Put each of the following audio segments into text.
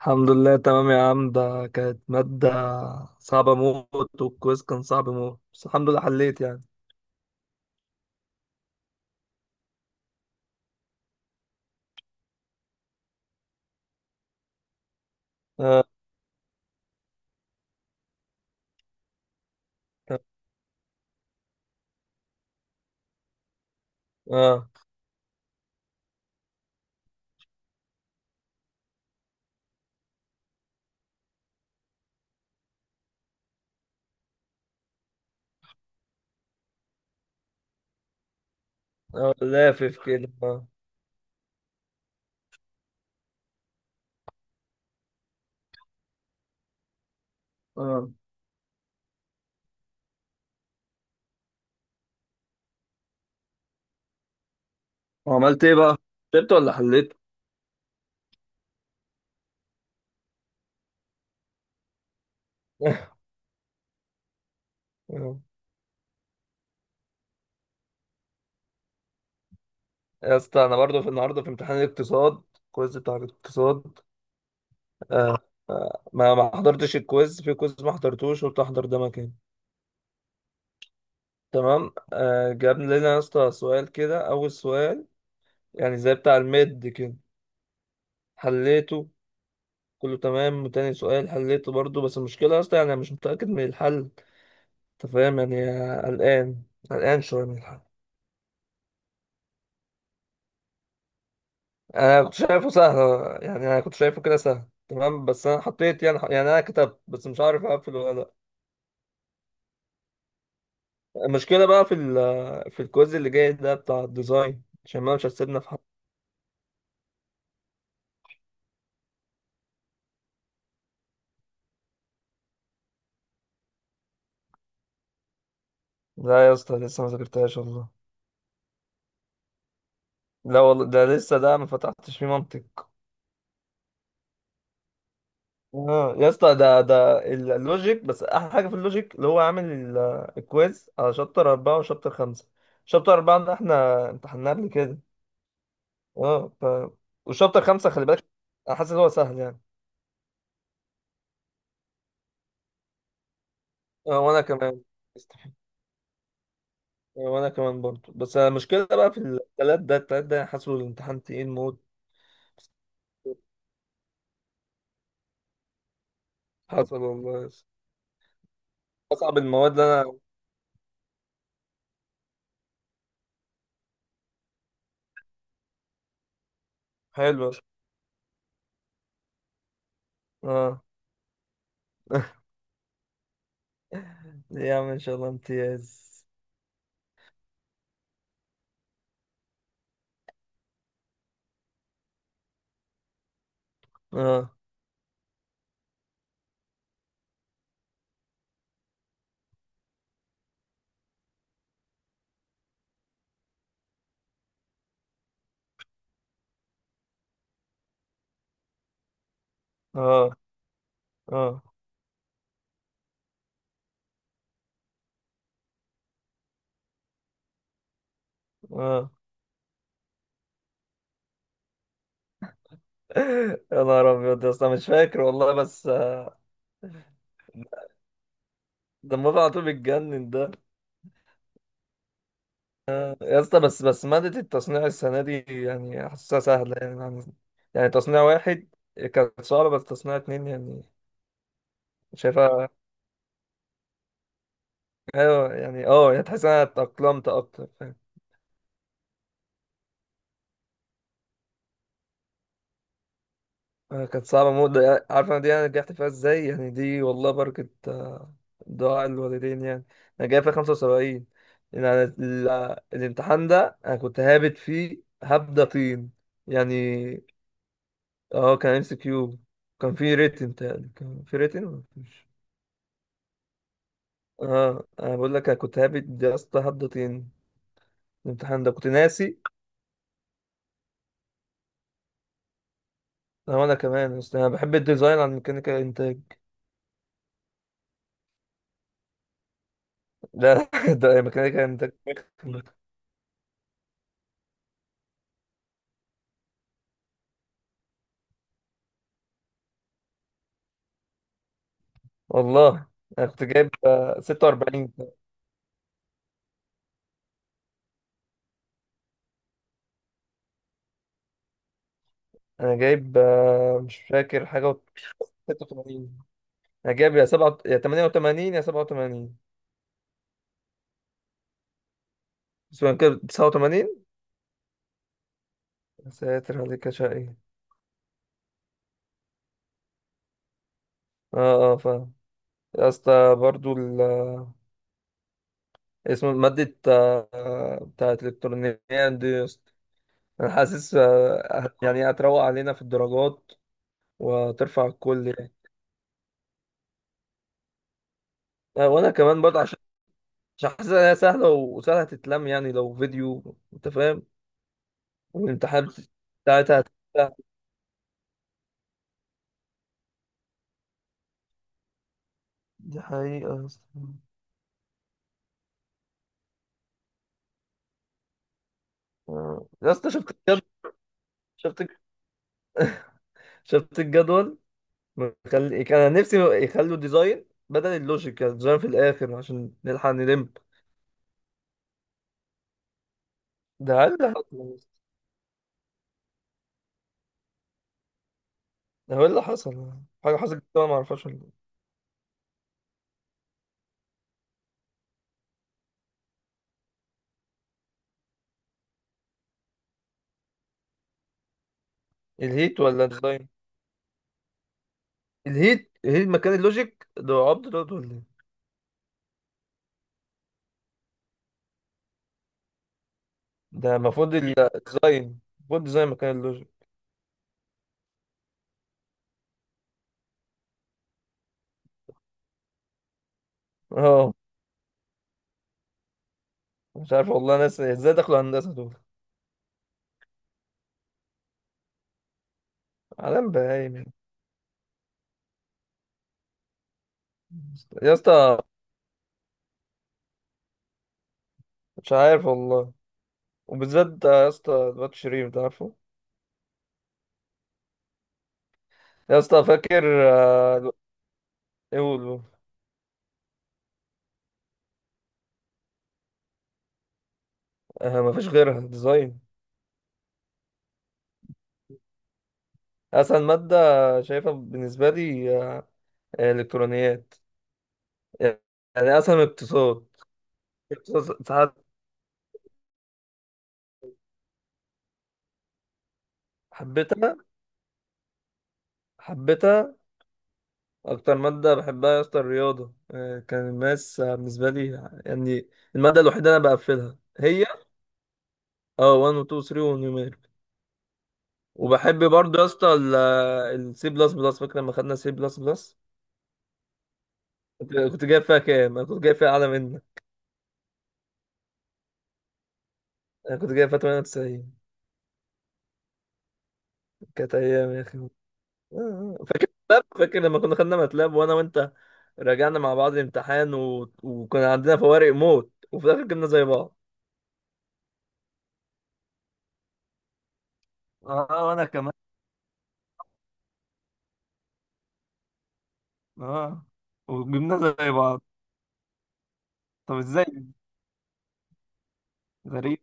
الحمد لله تمام يا عم. ده كانت مادة صعبة موت والكويز كان صعب موت، بس الحمد لله حليت يعني. اه. اه. آه. آه، لافف كده اه. اه. وعملت ايه بقى؟ كتبت ولا حليت؟ آه. يا اسطى انا برضه في النهارده في امتحان الاقتصاد، الكويز بتاع الاقتصاد. آه. آه. ما حضرتش الكويز، في كويز ما حضرتوش قلت احضر ده مكان. تمام آه. جاب لنا يا اسطى سؤال كده اول سؤال يعني زي بتاع الميد كده، حليته كله تمام. وتاني سؤال حليته برضو، بس المشكلة أصلا يعني أنا مش متأكد من الحل. أنت فاهم يعني. قلقان. قلقان شوية من الحل. أنا كنت شايفه سهل يعني. أنا كنت شايفه كده سهل تمام، بس أنا حطيت يعني أنا كتبت بس مش عارف أقفل ولا لأ. المشكلة بقى في الكويز اللي جاي ده بتاع الديزاين، عشان ما مش هتسيبنا في حد. لا يا اسطى لسه ما ذاكرتهاش والله. لا والله ده لسه ده ما فتحتش فيه منطق. اه يا اسطى اللوجيك، بس احلى حاجه في اللوجيك اللي هو عامل الكويز على شابتر 4 وشابتر 5. شابتر أربعة ده احنا امتحناه قبل كده. اه وشابتر خمسة خلي بالك. انا حاسس ان هو سهل يعني. اه وانا كمان. استحي. اه وانا كمان برضه، بس المشكله بقى في التلات ده، التلات ده حاسه الامتحان تقيل موت. حصل والله يا اسطى. اصعب المواد اللي انا. حلوه. اه. يا عم ان شاء الله امتياز. اه. اه. اه. اه. يا نهار ابيض يا اسطى مش فاكر والله بس آه. دمه على طول بيتجنن ده. يا اسطى بس بس مادة التصنيع السنة دي يعني حاسسها سهلة يعني يعني. يعني تصنيع 1 كانت صعبة، بس تصنيع 2 يعني. شايفها. ايوه يعني اه يعني تحس إن انا اتأقلمت اكتر. آه، كانت صعبة موت ده يعني، عارف أنا دي أنا نجحت فيها إزاي يعني. دي والله بركة آه. دعاء الوالدين يعني. أنا جايب فيها 75. يعني أنا الامتحان ده أنا كنت هابت فيه هبدة طين يعني. أه كان إم سي كيو. كان فيه ريتن تقريبا، كان فيه ريتن ولا مفيش. أه أنا بقول لك أنا كنت هابت يا اسطى هبدة طين. الامتحان ده كنت ناسي. أه، وأنا كمان أصل أنا بحب الديزاين عن ميكانيكا إنتاج. لا. ده ميكانيكا إنتاج والله. انا كنت جايب آه، 46. انا جايب آه، مش فاكر حاجه و-. 86. انا جايب يا 7 يا 88 يا 87. بس هو كده 89. يا ساتر عليك يا شقي. اه اه فاهم. يا اسطى برضو ال آه. اسمه مادة آه، آه، بتاعت الإلكترونيات دي يا اسطى. أنا حاسس آه، يعني هتروق علينا في الدرجات وترفع الكل يعني. آه، وأنا كمان برضه عشان حاسس إنها سهلة وسهلة تتلم يعني لو فيديو أنت فاهم. والامتحانات بتاعتها هتبقى. دي حقيقة يا اسطى. آه. يا اسطى شفت الجدول. شفت شفت الجدول مخلي كان نفسي يخلوا ديزاين بدل اللوجيك، يعني ديزاين في الآخر عشان نلحق نلم. ده هل اللي حصل يا اسطى؟ ده هو اللي حصل. حاجة حصلت كده أنا ما اعرفهاش ولا. إيه؟ الهيت ولا الديزاين. الهيت. الهيت مكان اللوجيك ده عبد دوت ولا إيه؟ ده المفروض الديزاين، المفروض الديزاين مكان اللوجيك. اه مش عارف والله، ناس ازاي دخلوا هندسة دول. عالم بهايم يعني. يا اسطى مش عارف والله. وبالذات ده يا اسطى الواد شريف ده عارفه. يا اسطى فاكر آه. ايه هو-. آه، مفيش غيرها ديزاين. اسهل مادة شايفها بالنسبة لي آه، الكترونيات يعني. اسهل من اقتصاد. اقتصاد ساعات. حبيتها. حبيتها. اكتر مادة بحبها يا اسطى الرياضة آه، كان الماس آه، بالنسبة لي يعني. المادة الوحيدة اللي انا بقفلها هي اه 1 و 2 و 3 ونيوميريك. وبحب برضه يا اسطى السي بلس بلس. فاكر لما خدنا سي بلس بلس. كنت جايب فيها كام؟ انا كنت جايب فيها اعلى منك. انا كنت جايب فيها 98. كانت ايام يا اخي آه. آه. فاكر ماتلاب؟ فاكر لما كنا خدنا ماتلاب، وانا وانت راجعنا مع بعض الامتحان وكنا عندنا فوارق موت وفي الاخر جبنا زي بعض. اه وانا كمان. اه. وجبنا زي بعض. طب ازاي. غريب.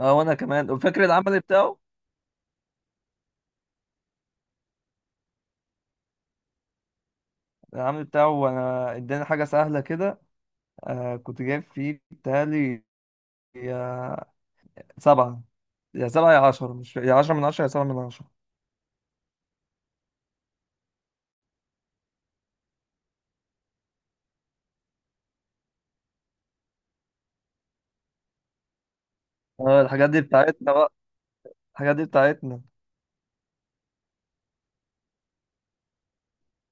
اه وانا كمان. وفاكر العمل بتاعه. العمل بتاعه انا اداني حاجة سهلة كده. آه كنت جايب فيه بتهيألي يا سبعة. يا سبعة يا عشرة، مش يا عشرة من عشرة يا سبعة من عشرة. اه الحاجات دي بتاعتنا بقى. الحاجات دي بتاعتنا.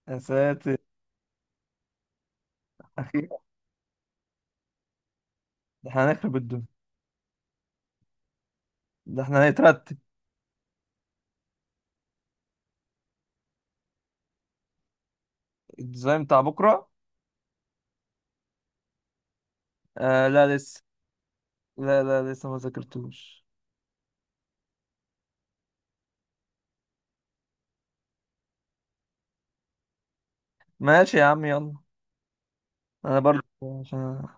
يا ساتر. اخيرا. ده احنا هنخرب الدنيا. ده احنا هنترتب. الديزاين بتاع بكره. آه لا لسه. لا لا لسه ما ذاكرتوش. ماشي يا عم يلا. انا برضه عشان